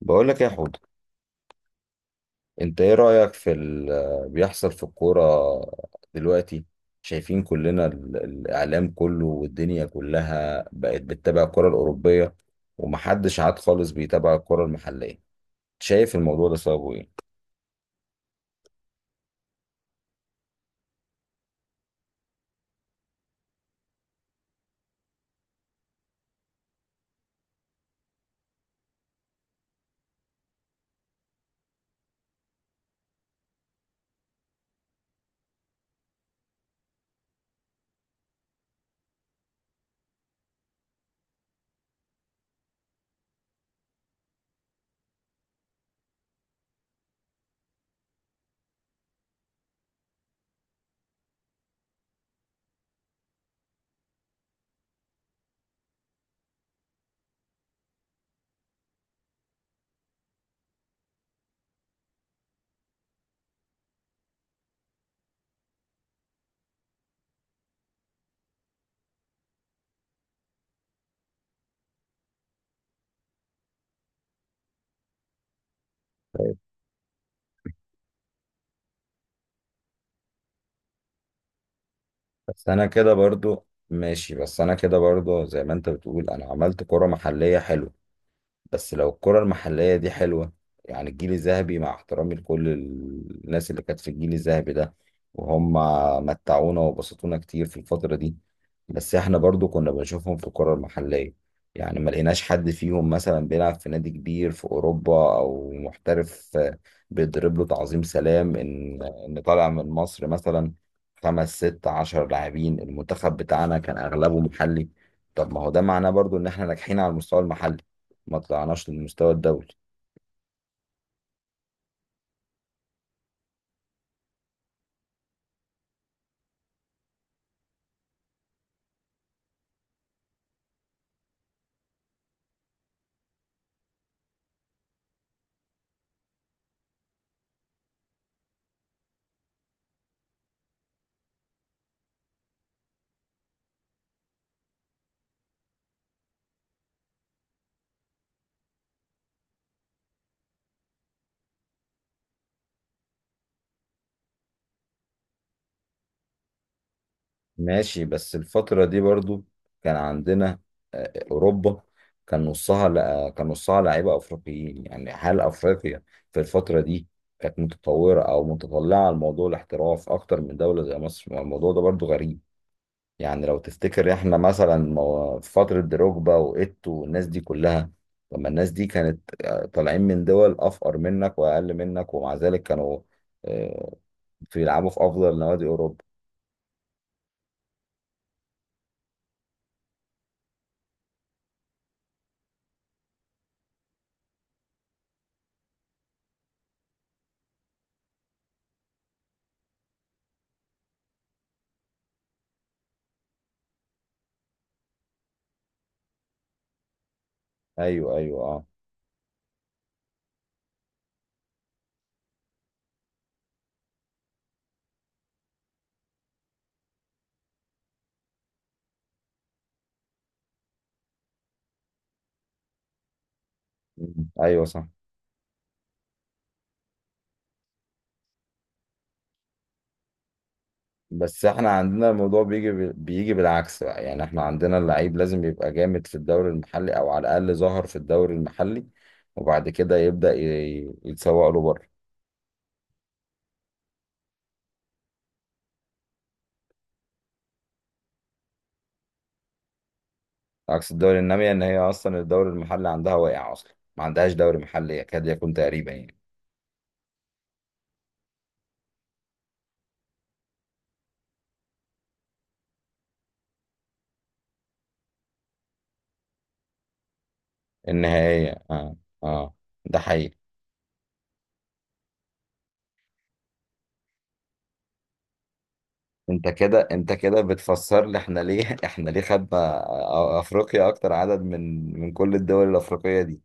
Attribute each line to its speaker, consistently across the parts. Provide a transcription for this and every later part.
Speaker 1: بقول لك يا حود، انت ايه رأيك في اللي بيحصل في الكورة دلوقتي؟ شايفين كلنا الاعلام كله والدنيا كلها بقت بتتابع الكرة الأوروبية، ومحدش عاد خالص بيتابع الكرة المحلية. شايف الموضوع ده سببه ايه؟ طيب. بس انا كده برضو ماشي، بس انا كده برضو زي ما انت بتقول، انا عملت كرة محلية حلوة. بس لو الكرة المحلية دي حلوة، يعني الجيل الذهبي، مع احترامي لكل الناس اللي كانت في الجيل الذهبي ده، وهم متعونا وبسطونا كتير في الفترة دي، بس احنا برضو كنا بنشوفهم في الكرة المحلية. يعني ما لقيناش حد فيهم مثلا بيلعب في نادي كبير في أوروبا أو محترف، بيضرب له تعظيم سلام إن طالع من مصر مثلا. خمس ست عشر لاعبين، المنتخب بتاعنا كان أغلبه محلي. طب ما هو ده معناه برضو إن احنا ناجحين على المستوى المحلي، ما طلعناش للمستوى الدولي. ماشي، بس الفترة دي برضو كان عندنا أوروبا، كان نصها لأ، كان نصها لعيبة أفريقيين. يعني هل أفريقيا في الفترة دي كانت متطورة أو متطلعة لموضوع الاحتراف أكتر من دولة زي مصر؟ ما الموضوع ده برضو غريب. يعني لو تفتكر إحنا مثلا في فترة دروجبا وإيتو والناس دي كلها، طب ما الناس دي كانت، طالعين من دول أفقر منك وأقل منك، ومع ذلك كانوا آه، بيلعبوا في أفضل نوادي أوروبا. ايوه ايوه، اه. مم. ايوه، صح. بس احنا عندنا الموضوع بيجي بالعكس بقى. يعني احنا عندنا اللعيب لازم يبقى جامد في الدوري المحلي، او على الاقل ظهر في الدوري المحلي، وبعد كده يبدأ يتسوق له بره. عكس الدوري النامية، ان هي اصلا الدوري المحلي عندها واقع، اصلا ما عندهاش دوري محلي يكاد يكون تقريبا يعني. النهائية، اه. اه. ده حقيقي. انت كده بتفسر لي احنا ليه احنا ليه خدنا افريقيا اكتر عدد من كل الدول الافريقية دي.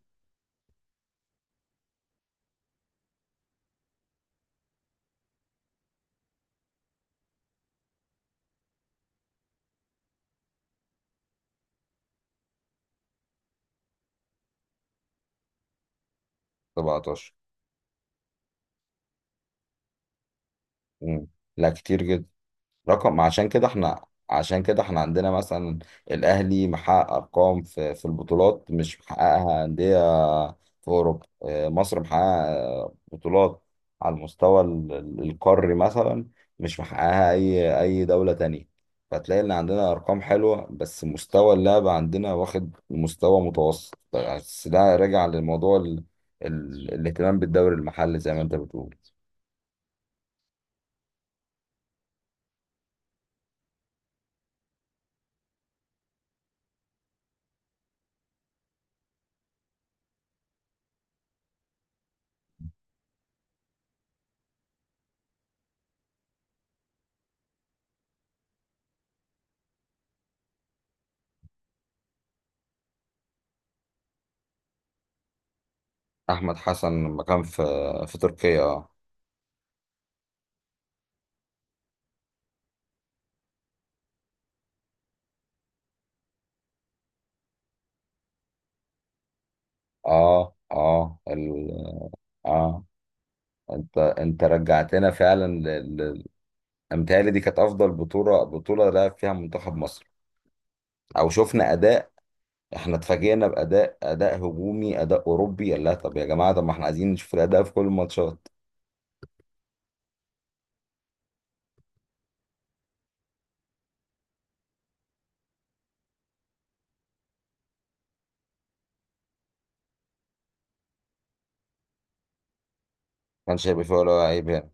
Speaker 1: 17. مم. لا، كتير جدا. رقم، عشان كده احنا، عندنا مثلا الاهلي محقق ارقام في البطولات، مش محققها انديه في اوروبا. مصر محققه بطولات على المستوى القاري مثلا، مش محققها اي دوله تانية. فتلاقي ان عندنا ارقام حلوه، بس مستوى اللعب عندنا واخد مستوى متوسط، بس ده راجع للموضوع الاهتمام بالدوري المحلي زي ما انت بتقول. احمد حسن لما كان في تركيا، اه. اه، اه، اه. انت رجعتنا فعلا، متهيألي دي كانت افضل بطوله لعب فيها منتخب مصر، او شفنا اداء. احنا اتفاجئنا باداء هجومي، اداء اوروبي، قال لها طب يا جماعه، طب ما احنا عايزين نشوف الاداء في كل الماتشات. ما كانش هيبقى فيه ولا عيب هنا.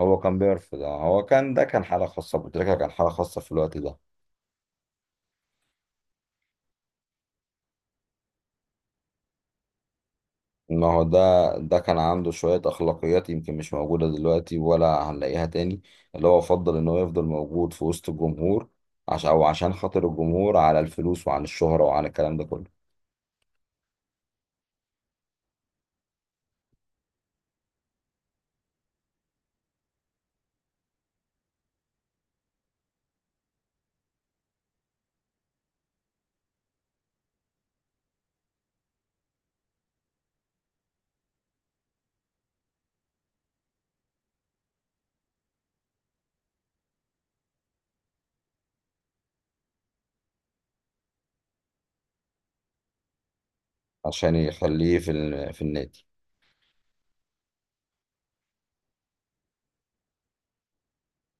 Speaker 1: هو كان بيرفض، آه. هو كان ده كان حاله خاصه بتركيا، كان حاله خاصه في الوقت ده. ما هو ده كان عنده شوية أخلاقيات يمكن مش موجودة دلوقتي ولا هنلاقيها تاني، اللي هو فضل إن هو يفضل موجود في وسط الجمهور، عشان خاطر الجمهور على الفلوس، وعن الشهرة، وعن الكلام ده كله. عشان يخليه في النادي.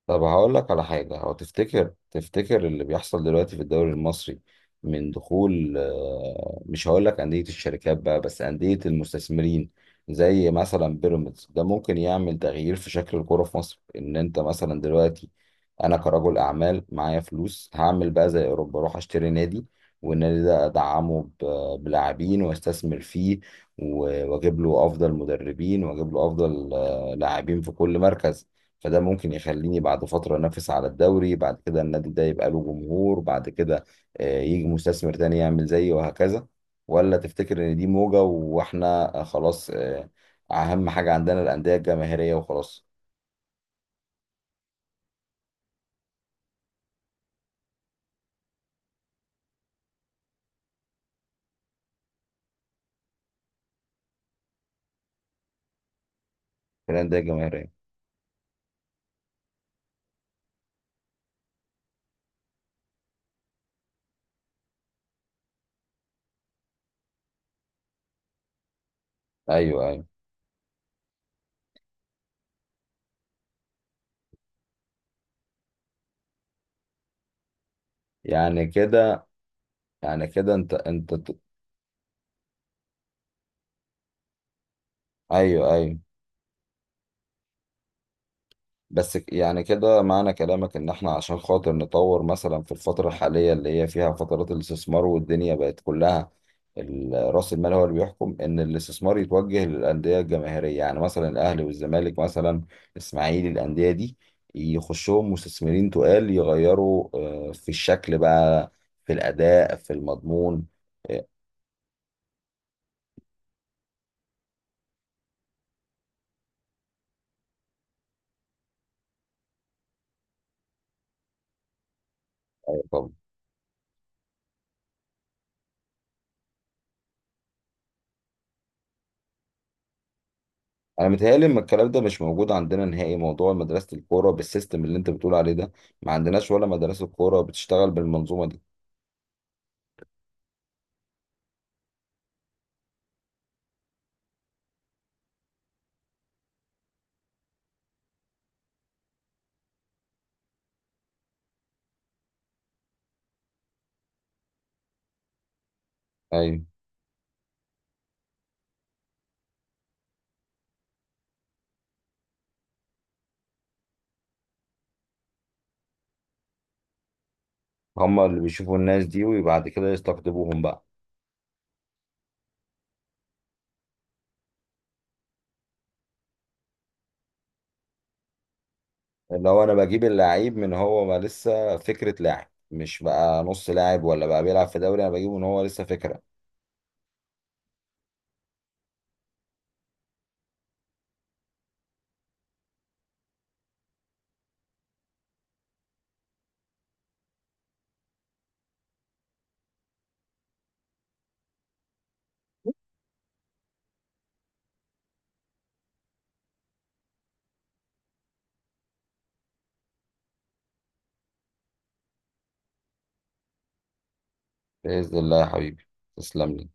Speaker 1: طب هقول لك على حاجة. هو تفتكر اللي بيحصل دلوقتي في الدوري المصري من دخول، مش هقول لك أندية الشركات بقى، بس أندية المستثمرين زي مثلا بيراميدز، ده ممكن يعمل تغيير في شكل الكورة في مصر؟ إن أنت مثلا دلوقتي أنا كرجل أعمال معايا فلوس، هعمل بقى زي أوروبا، أروح أشتري نادي، والنادي ده أدعمه بلاعبين، وأستثمر فيه وأجيب له أفضل مدربين، وأجيب له أفضل لاعبين في كل مركز. فده ممكن يخليني بعد فترة أنافس على الدوري، بعد كده النادي ده يبقى له جمهور، بعد كده يجي مستثمر تاني يعمل زيي، وهكذا. ولا تفتكر إن دي موجة وإحنا خلاص؟ أهم حاجة عندنا الأندية الجماهيرية وخلاص. الأندية الجماهيرية. أيوه أيوه. يعني كده يعني كده أيوه أيوه. بس يعني كده معنى كلامك ان احنا عشان خاطر نطور مثلا في الفترة الحالية اللي هي فيها فترات الاستثمار، والدنيا بقت كلها رأس المال هو اللي بيحكم، ان الاستثمار يتوجه للأندية الجماهيرية، يعني مثلا الاهلي والزمالك مثلا الاسماعيلي، الأندية دي يخشهم مستثمرين تقال يغيروا، في الشكل بقى، في الأداء، في المضمون. طب، انا متهيألي ان الكلام ده مش موجود عندنا نهائي. موضوع مدرسة الكورة بالسيستم اللي انت بتقول عليه ده، ما عندناش ولا مدرسة كورة بتشتغل بالمنظومة دي. ايوه. هما اللي بيشوفوا الناس دي وبعد كده يستقطبوهم بقى. اللي هو انا بجيب اللعيب من هو ما لسه فكرة لاعب، مش بقى نص لاعب ولا بقى بيلعب في دوري، انا بجيبه ان هو لسه فكرة. بإذن الله يا حبيبي، تسلم لي.